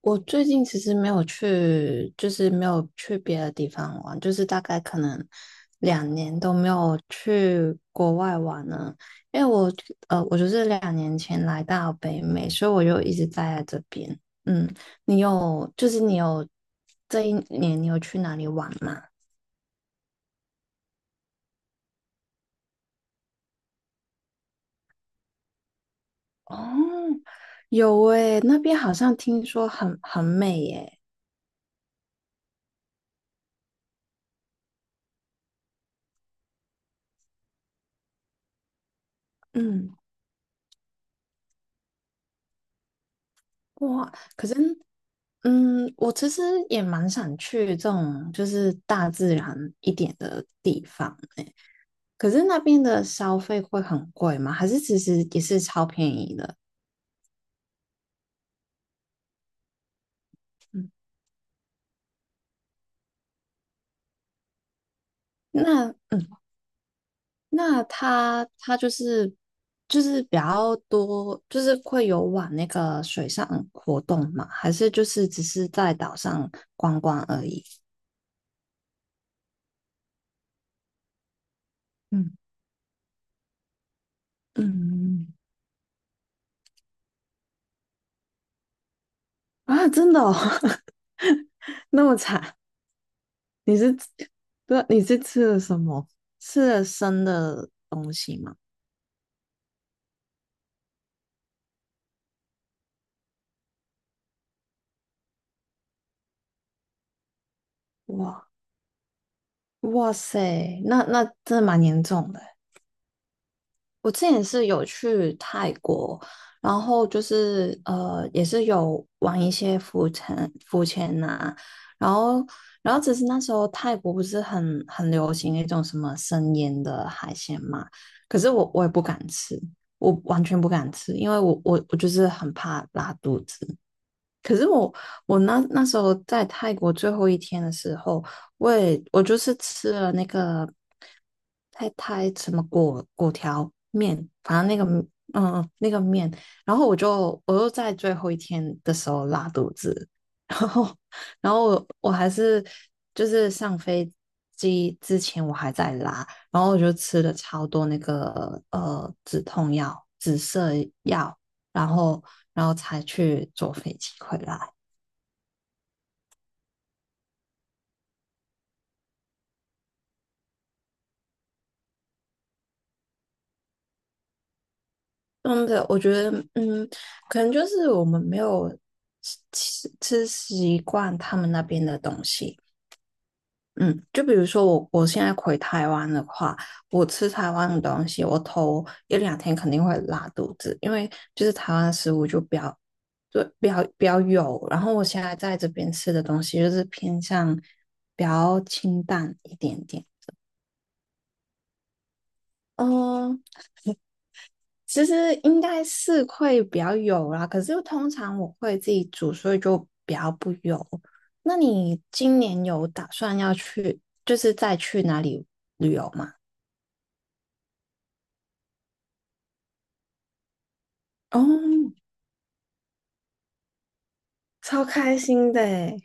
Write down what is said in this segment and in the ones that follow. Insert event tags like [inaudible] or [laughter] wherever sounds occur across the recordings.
我最近其实没有去，就是没有去别的地方玩，就是大概可能两年都没有去国外玩了。因为我就是2年前来到北美，所以我就一直待在这边。嗯，你有，就是你有这一年你有去哪里玩吗？哦，有诶，那边好像听说很美耶。嗯，哇，可是我其实也蛮想去这种就是大自然一点的地方诶，可是那边的消费会很贵吗？还是其实也是超便宜的？嗯。那那它就是比较多，就是会有往那个水上活动嘛？还是就是只是在岛上观光而已？嗯嗯，啊，真的哦。[laughs] 那么惨。你是吃对，你是吃了什么？吃了生的东西吗？哇哇塞，那真的蛮严重的欸。我之前是有去泰国，然后就是也是有玩一些浮沉浮潜呐、然后只是那时候泰国不是很流行那种什么生腌的海鲜嘛，可是我也不敢吃，我完全不敢吃，因为我就是很怕拉肚子。可是我那时候在泰国最后一天的时候，我就是吃了那个太太什么果果条面，反正那个面，然后我又在最后一天的时候拉肚子，[laughs] 然后我还是就是上飞机之前我还在拉，然后我就吃了超多那个止痛药、止泻药。然后才去坐飞机回来。真的，我觉得，可能就是我们没有吃习惯他们那边的东西。嗯，就比如说我现在回台湾的话，我吃台湾的东西，我头一两天肯定会拉肚子，因为就是台湾的食物就比较，对，比较油，然后我现在在这边吃的东西就是偏向比较清淡一点点。嗯，其实应该是会比较油啦，可是通常我会自己煮，所以就比较不油。那你今年有打算要去，就是再去哪里旅游吗？哦，超开心的诶。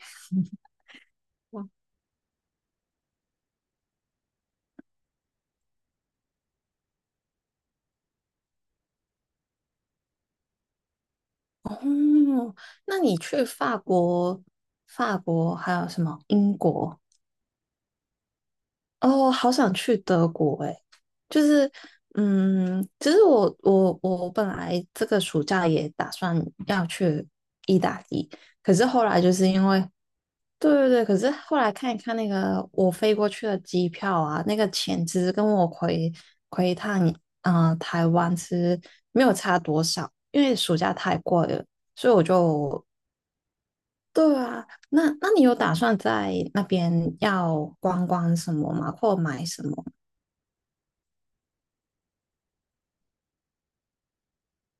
哦，那你去法国、还有什么英国。哦，好想去德国诶，就是，其实我本来这个暑假也打算要去意大利，可是后来就是因为，对对对，可是后来看一看那个我飞过去的机票啊，那个钱其实跟我回一趟台湾其实没有差多少，因为暑假太贵了，所以我就。对啊，那你有打算在那边要观光什么吗？或买什么？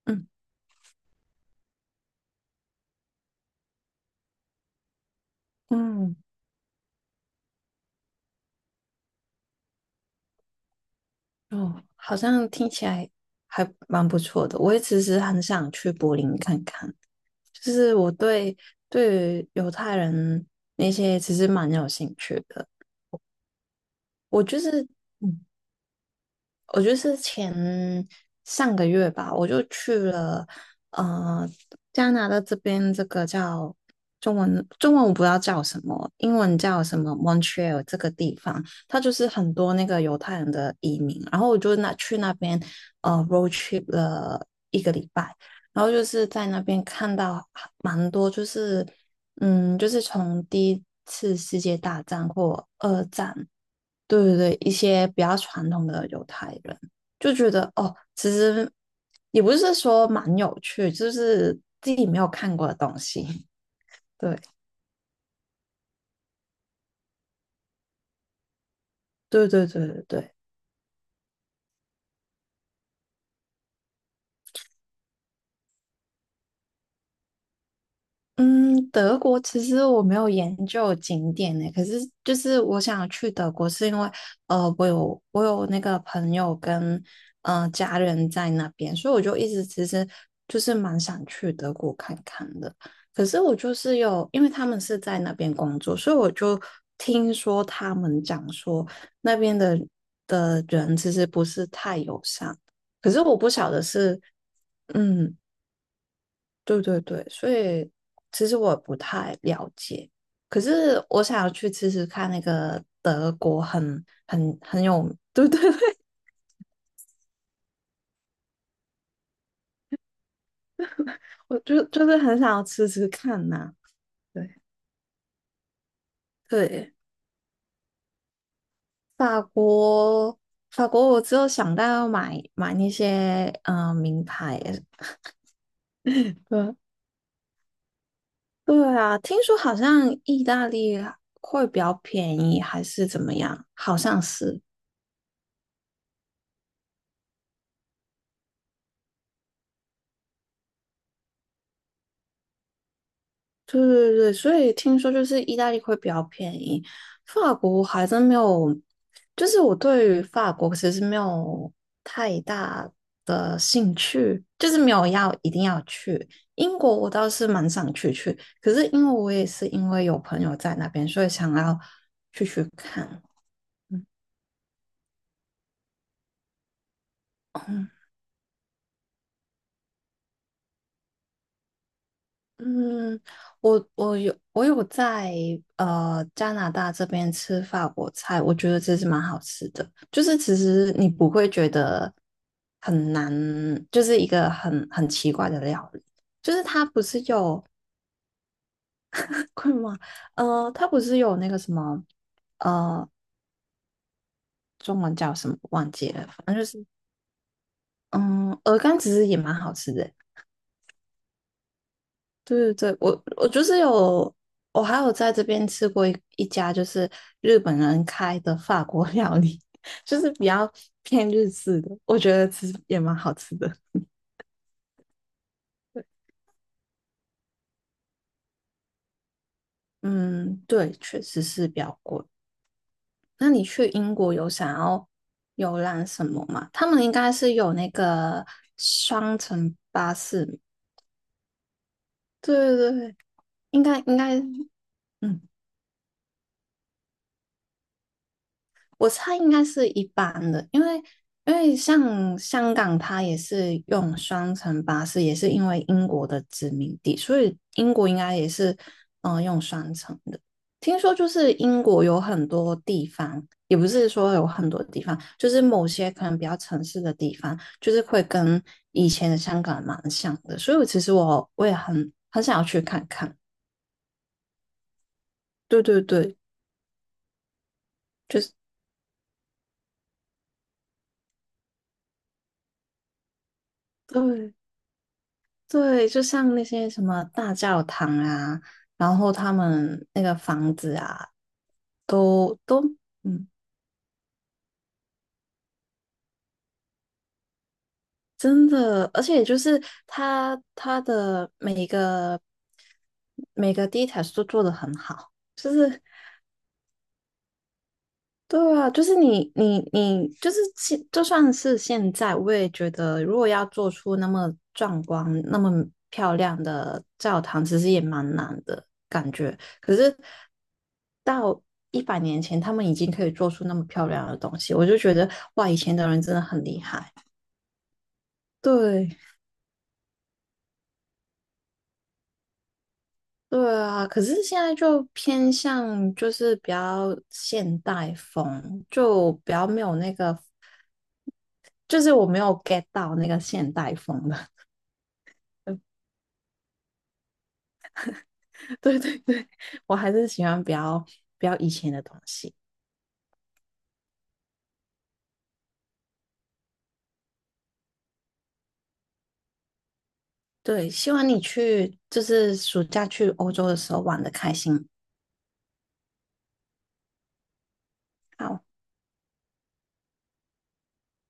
嗯嗯，哦，好像听起来还蛮不错的。我也其实很想去柏林看看，就是对于犹太人那些其实蛮有兴趣的。我就是嗯。我就是上个月吧，我就去了呃加拿大这边这个叫中文我不知道叫什么，英文叫什么 Montreal 这个地方，它就是很多那个犹太人的移民，然后我就去那边road trip 了一个礼拜，然后就是在那边看到蛮多就是。嗯，就是从第一次世界大战或二战，对对对，一些比较传统的犹太人就觉得哦，其实也不是说蛮有趣，就是自己没有看过的东西。[laughs] 对对对对对对。嗯，德国其实我没有研究景点呢，可是就是我想去德国，是因为我有那个朋友跟家人在那边，所以我就一直其实就是蛮想去德国看看的。可是我就是有，因为他们是在那边工作，所以我就听说他们讲说那边的人其实不是太友善，可是我不晓得是嗯。对对对，所以其实我也不太了解，可是我想要去吃吃看那个德国很有，对对对，[laughs] 我就是很想要吃吃看呐、对对，法国法国，我只有想到要买买那些名牌，对对啊，听说好像意大利会比较便宜，还是怎么样？好像是。对对对，所以听说就是意大利会比较便宜，法国还真没有，就是我对于法国其实没有太大的兴趣，就是没有要一定要去。英国我倒是蛮想去，可是因为我也是因为有朋友在那边，所以想要去看。嗯。嗯，我有在加拿大这边吃法国菜，我觉得这是蛮好吃的。就是其实你不会觉得很难，就是一个很奇怪的料理。就是它不是有 [laughs] 困吗？它不是有那个什么呃中文叫什么忘记了，反正就是嗯鹅肝其实也蛮好吃的。对对对，我就是有，我还有在这边吃过一家就是日本人开的法国 [laughs] 料理，[laughs] 就是比较偏日式的，我觉得吃也蛮好吃的。嗯，对，确实是比较贵。那你去英国有想要游览什么吗？他们应该是有那个双层巴士，对对对，应该，嗯，我猜应该是一般的，因为像香港，它也是用双层巴士，也是因为英国的殖民地，所以英国应该也是用双层的。听说就是英国有很多地方，也不是说有很多地方，就是某些可能比较城市的地方，就是会跟以前的香港蛮像的，所以我其实我也很想要去看看。对对对，就是对。对，就像那些什么大教堂啊，然后他们那个房子啊，都嗯，真的，而且就是他的每个 details 都做得很好，就是对啊，就是你，就是就算是现在，我也觉得，如果要做出那么壮观、那么漂亮的教堂，其实也蛮难的感觉。可是到100年前，他们已经可以做出那么漂亮的东西，我就觉得，哇，以前的人真的很厉害。对，对啊，可是现在就偏向就是比较现代风，就比较没有那个，就是我没有 get 到那个现代风的。[laughs] 对对对，我还是喜欢比较以前的东西。对，希望你去就是暑假去欧洲的时候玩的开心。好。